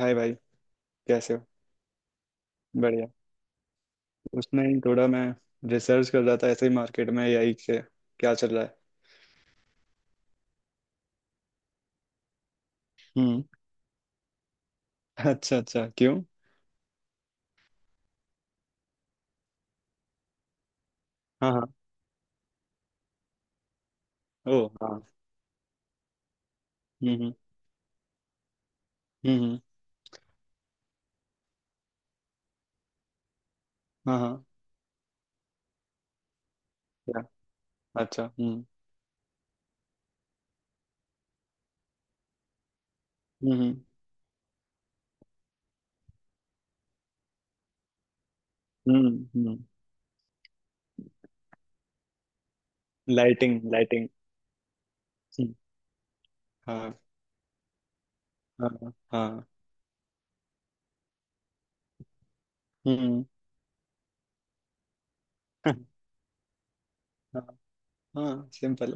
हाय भाई। कैसे हो। बढ़िया। उसमें ही थोड़ा मैं रिसर्च कर रहा था ऐसे ही मार्केट में एआई के क्या चल रहा है। हम्म। अच्छा अच्छा क्यों। हाँ हाँ। ओ हाँ। हम्म। हम्म। हाँ हाँ। क्या। अच्छा हम्म। हम्म हम्म हम्म। Lighting lighting. हाँ हाँ। हाँ। हम्म। हाँ। हाँ सिंपल।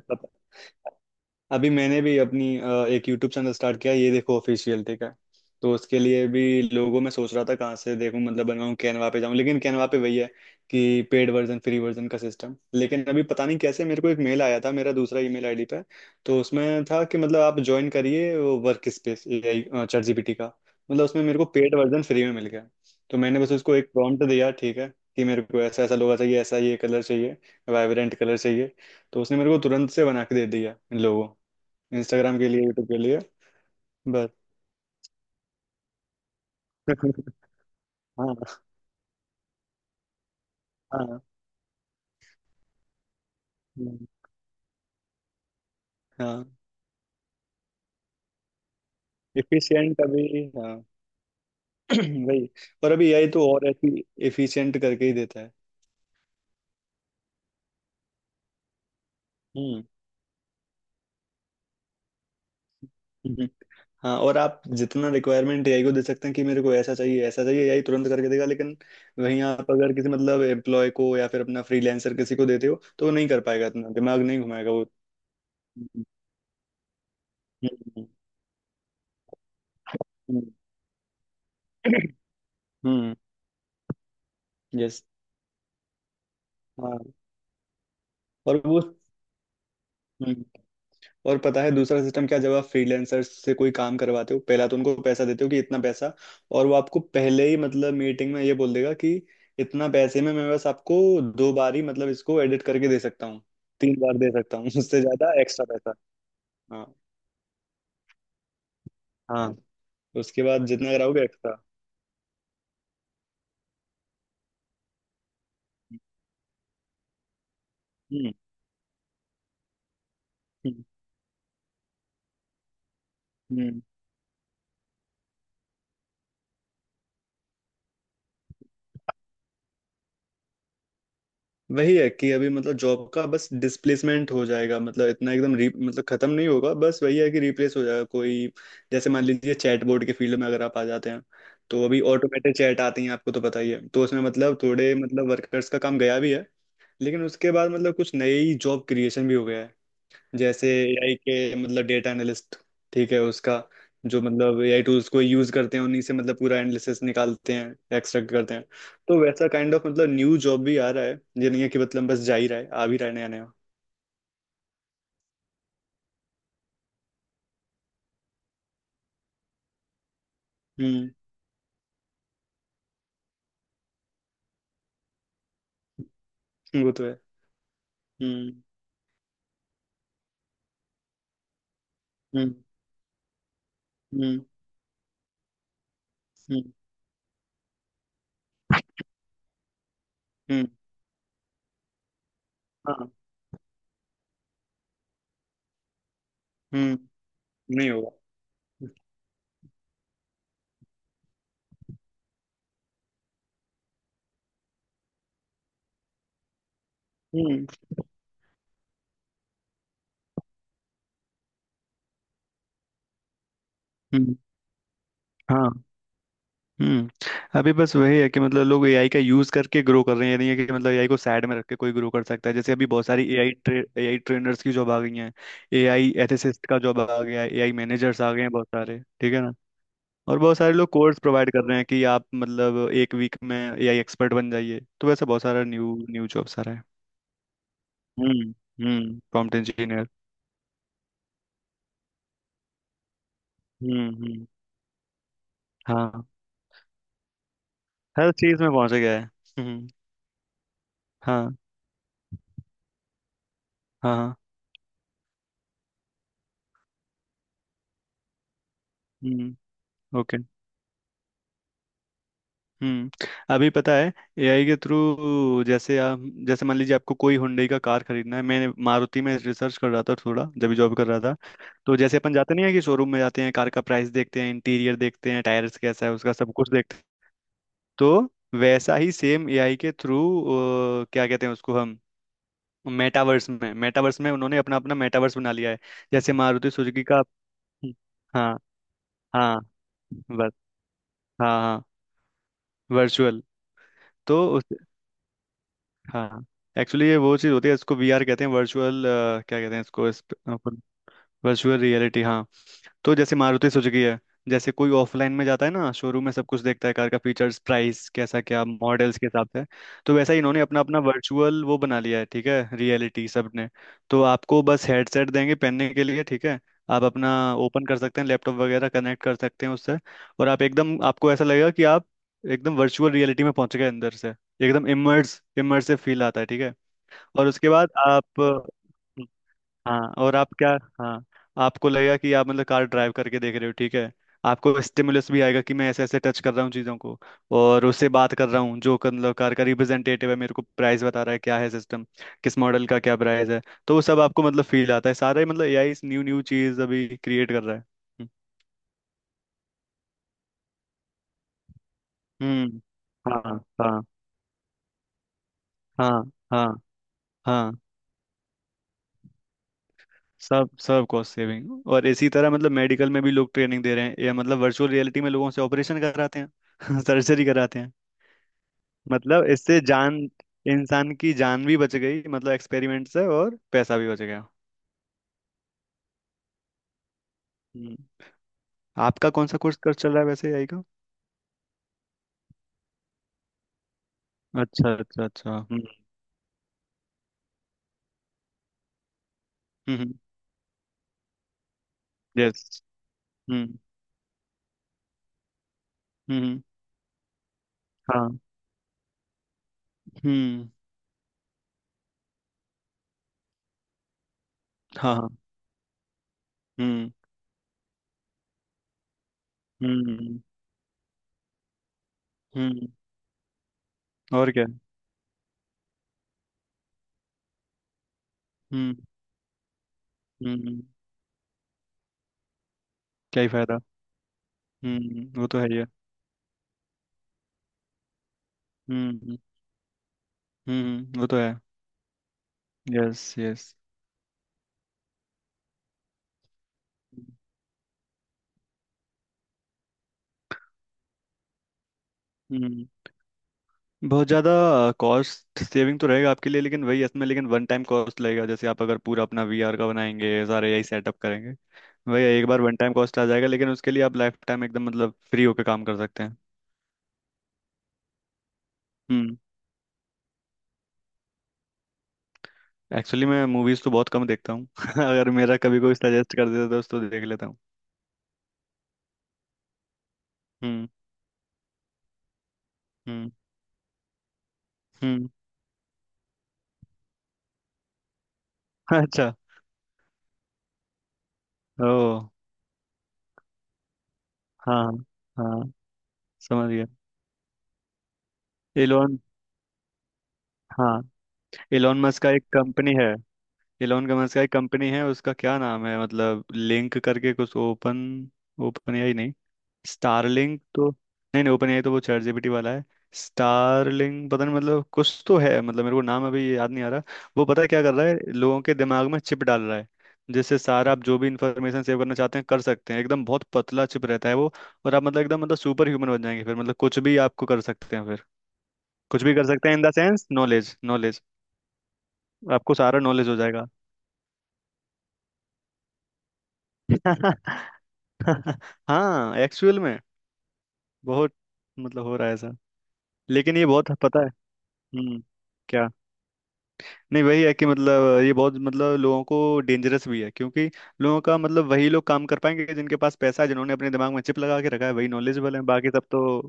अभी मैंने भी अपनी एक यूट्यूब चैनल स्टार्ट किया ये देखो ऑफिशियल ठीक है। तो उसके लिए भी लोगों में सोच रहा था कहाँ से देखूं मतलब बनवाऊं कैनवा पे जाऊं लेकिन कैनवा पे वही है कि पेड वर्जन फ्री वर्जन का सिस्टम। लेकिन अभी पता नहीं कैसे मेरे को एक मेल आया था मेरा दूसरा ईमेल आईडी पे। तो उसमें था कि मतलब आप ज्वाइन करिए वो workspace AI ChatGPT का। मतलब उसमें मेरे को पेड वर्जन फ्री में मिल गया। तो मैंने बस उसको एक प्रॉम्प्ट दिया ठीक है कि मेरे को ऐसा ऐसा लोगो चाहिए ऐसा ये कलर चाहिए वाइब्रेंट कलर चाहिए। तो उसने मेरे को तुरंत से बना के दे दिया इन लोगों इंस्टाग्राम के लिए यूट्यूब के लिए। बस। हाँ हाँ। हम्म, हाँ एफिशिएंट अभी हाँ। वही। और अभी एआई तो और एफिशिएंट करके ही देता है। हम्म हम्म। हाँ और आप जितना रिक्वायरमेंट एआई को दे सकते हैं कि मेरे को ऐसा चाहिए एआई तुरंत करके देगा। लेकिन वहीं आप अगर किसी मतलब एम्प्लॉय को या फिर अपना फ्रीलांसर किसी को देते हो तो वो नहीं कर पाएगा इतना दिमाग नहीं घुमाएगा वो। हम्म हम्म। यस। हाँ। और वो हम्म। और पता है दूसरा सिस्टम क्या जब आप फ्रीलैंसर से कोई काम करवाते हो। पहला तो उनको पैसा देते हो कि इतना पैसा। और वो आपको पहले ही मतलब मीटिंग में ये बोल देगा कि इतना पैसे में मैं बस आपको दो बार ही मतलब इसको एडिट करके दे सकता हूँ तीन बार दे सकता हूँ। उससे ज्यादा एक्स्ट्रा पैसा। हाँ हाँ। उसके बाद जितना कराओगे एक्स्ट्रा। हम्म हम्म हम्म। वही है कि अभी मतलब जॉब का बस डिस्प्लेसमेंट हो जाएगा मतलब इतना एकदम री मतलब खत्म नहीं होगा बस वही है कि रिप्लेस हो जाएगा कोई। जैसे मान लीजिए चैटबॉट के फील्ड में अगर आप आ जाते हैं तो अभी ऑटोमेटेड चैट आती हैं आपको तो पता ही है तो उसमें मतलब थोड़े मतलब वर्कर्स का काम गया भी है। लेकिन उसके बाद मतलब कुछ नई जॉब क्रिएशन भी हो गया है। जैसे एआई के मतलब डेटा एनालिस्ट ठीक है उसका जो मतलब एआई टूल्स को यूज करते हैं उन्हीं से मतलब पूरा एनालिसिस निकालते हैं एक्सट्रैक्ट करते हैं। तो वैसा काइंड ऑफ मतलब न्यू जॉब भी आ रहा है। ये नहीं है कि मतलब बस जा ही रहा है आ भी रहा है नया नया। हम्म। वो तो है। हम्म हम्म हम्म हम्म हम्म, हाँ। हम्म नहीं होगा। हम्म हम्म। हाँ हम्म। अभी बस वही है कि मतलब लोग एआई का यूज करके ग्रो कर रहे हैं ये नहीं है कि मतलब एआई को साइड में रख के कोई ग्रो कर सकता है। जैसे अभी बहुत सारी एआई ट्रेनर्स की जॉब आ गई हैं। एआई एथिसिस्ट का जॉब आ गया है एआई मैनेजर्स आ गए हैं बहुत सारे ठीक है ना। और बहुत सारे लोग कोर्स प्रोवाइड कर रहे हैं कि आप मतलब एक वीक में एआई एक्सपर्ट बन जाइए तो वैसे बहुत सारा न्यू न्यू जॉब सारा है। हम्म प्रॉम्प्ट इंजीनियर। हम्म। हाँ। हर चीज में पहुंच गया है। हम्म। हाँ हाँ। हाँ, हम्म। ओके। हम्म। अभी पता है एआई के थ्रू जैसे आप जैसे मान लीजिए आपको कोई हुंडई का कार खरीदना है मैं मारुति में रिसर्च कर रहा था थोड़ा जब भी जॉब कर रहा था। तो जैसे अपन जाते नहीं है कि शोरूम में जाते हैं कार का प्राइस देखते हैं इंटीरियर देखते हैं टायर्स कैसा है उसका सब कुछ देखते हैं। तो वैसा ही सेम एआई के थ्रू क्या कहते हैं उसको हम मेटावर्स में उन्होंने अपना अपना मेटावर्स बना लिया है जैसे मारुति सुजुकी का। हाँ हाँ। बस। हाँ हाँ। वर्चुअल। तो हाँ एक्चुअली ये वो चीज़ होती है इसको वीआर कहते हैं वर्चुअल क्या कहते हैं इसको इस, वर्चुअल रियलिटी हाँ। तो जैसे मारुति सुजुकी है। जैसे कोई ऑफलाइन में जाता है ना शोरूम में सब कुछ देखता है कार का फीचर्स प्राइस कैसा क्या मॉडल्स के हिसाब से। तो वैसा ही इन्होंने अपना अपना वर्चुअल वो बना लिया है ठीक है रियलिटी सब ने। तो आपको बस हेडसेट देंगे पहनने के लिए ठीक है। आप अपना ओपन कर सकते हैं लैपटॉप वगैरह कनेक्ट कर सकते हैं उससे। और आप एकदम आपको ऐसा लगेगा कि आप एकदम वर्चुअल रियलिटी में पहुंच गए अंदर से। एकदम इमर्सिव फील आता है ठीक है। और उसके बाद आप हाँ और आप क्या हाँ आपको लगेगा कि आप मतलब कार ड्राइव करके देख रहे हो ठीक है। आपको स्टिमुलस भी आएगा कि मैं ऐसे ऐसे टच कर रहा हूँ चीज़ों को और उससे बात कर रहा हूँ मतलब कार का रिप्रेजेंटेटिव है मेरे को प्राइस बता रहा है क्या है सिस्टम किस मॉडल का क्या प्राइस है। तो वो सब आपको मतलब फील आता है सारा ही मतलब एआई इस न्यू न्यू चीज़ अभी क्रिएट कर रहा है। हम्म। हाँ हाँ। हाँ हाँ। हाँ सब सब कॉस्ट सेविंग। और इसी तरह मतलब मेडिकल में भी लोग ट्रेनिंग दे रहे हैं या मतलब वर्चुअल रियलिटी में लोगों से ऑपरेशन कराते हैं। सर्जरी कराते हैं। मतलब इससे जान इंसान की जान भी बच गई मतलब एक्सपेरिमेंट से और पैसा भी बच गया। हम्म। आपका कौन सा कोर्स कर चल रहा है वैसे आई का। अच्छा अच्छा अच्छा हम्म। yes। हम्म। यस। हम्म। हम्म। हाँ। हम्म। हाँ हाँ। हम्म हम्म हम्म हम्म। और क्या। हम्म हम्म हम्म। क्या ही फायदा। वो तो है ही है। हम्म। वो तो है। Yes yes. हम्म हम्म। बहुत ज़्यादा कॉस्ट सेविंग तो रहेगा आपके लिए लेकिन वही इसमें लेकिन वन टाइम कॉस्ट लगेगा जैसे आप अगर पूरा अपना वीआर का बनाएंगे सारे यही सेटअप करेंगे। वही एक बार वन टाइम कॉस्ट आ जाएगा लेकिन उसके लिए आप लाइफ टाइम एकदम मतलब फ्री होकर काम कर सकते हैं। हम्म। एक्चुअली मैं मूवीज़ तो बहुत कम देखता हूँ। अगर मेरा कभी कोई सजेस्ट कर देता है तो उसको देख लेता हूँ। हम्म हम्म हम्म। अच्छा। ओ। हाँ। हाँ। समझ गया। एलोन। हाँ। एलोन मस्क का एक कंपनी है। इलोन गमस का एक कंपनी है उसका क्या नाम है मतलब लिंक करके कुछ ओपन। ओपन एआई नहीं। स्टारलिंक तो नहीं नहीं ओपन एआई तो वो चैट जीपीटी वाला है। स्टारलिंक पता नहीं मतलब कुछ तो है मतलब मेरे को नाम अभी याद नहीं आ रहा। वो पता है क्या कर रहा है लोगों के दिमाग में चिप डाल रहा है जिससे सारा आप जो भी इंफॉर्मेशन सेव करना चाहते हैं कर सकते हैं एकदम बहुत पतला चिप रहता है वो। और आप मतलब एकदम मतलब सुपर ह्यूमन बन जाएंगे फिर मतलब कुछ भी आपको कर सकते हैं फिर। कुछ भी कर सकते हैं in the sense knowledge knowledge. आपको सारा नॉलेज हो जाएगा। हाँ एक्चुअल में बहुत मतलब हो रहा है ऐसा। लेकिन ये बहुत पता है। हम्म। क्या। नहीं वही है कि मतलब ये बहुत मतलब लोगों को डेंजरस भी है क्योंकि लोगों का मतलब वही लोग काम कर पाएंगे जिनके पास पैसा है जिन्होंने अपने दिमाग में चिप लगा के रखा है वही नॉलेजेबल है बाकी सब तो।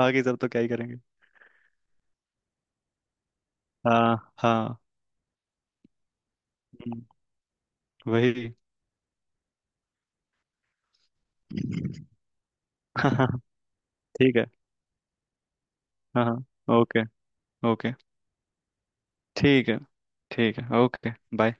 बाकी सब तो क्या ही करेंगे। हाँ हाँ। हम्म, वही। हाँ हाँ ठीक है। हाँ हाँ ओके। ओके ठीक है। ठीक है ओके। बाय।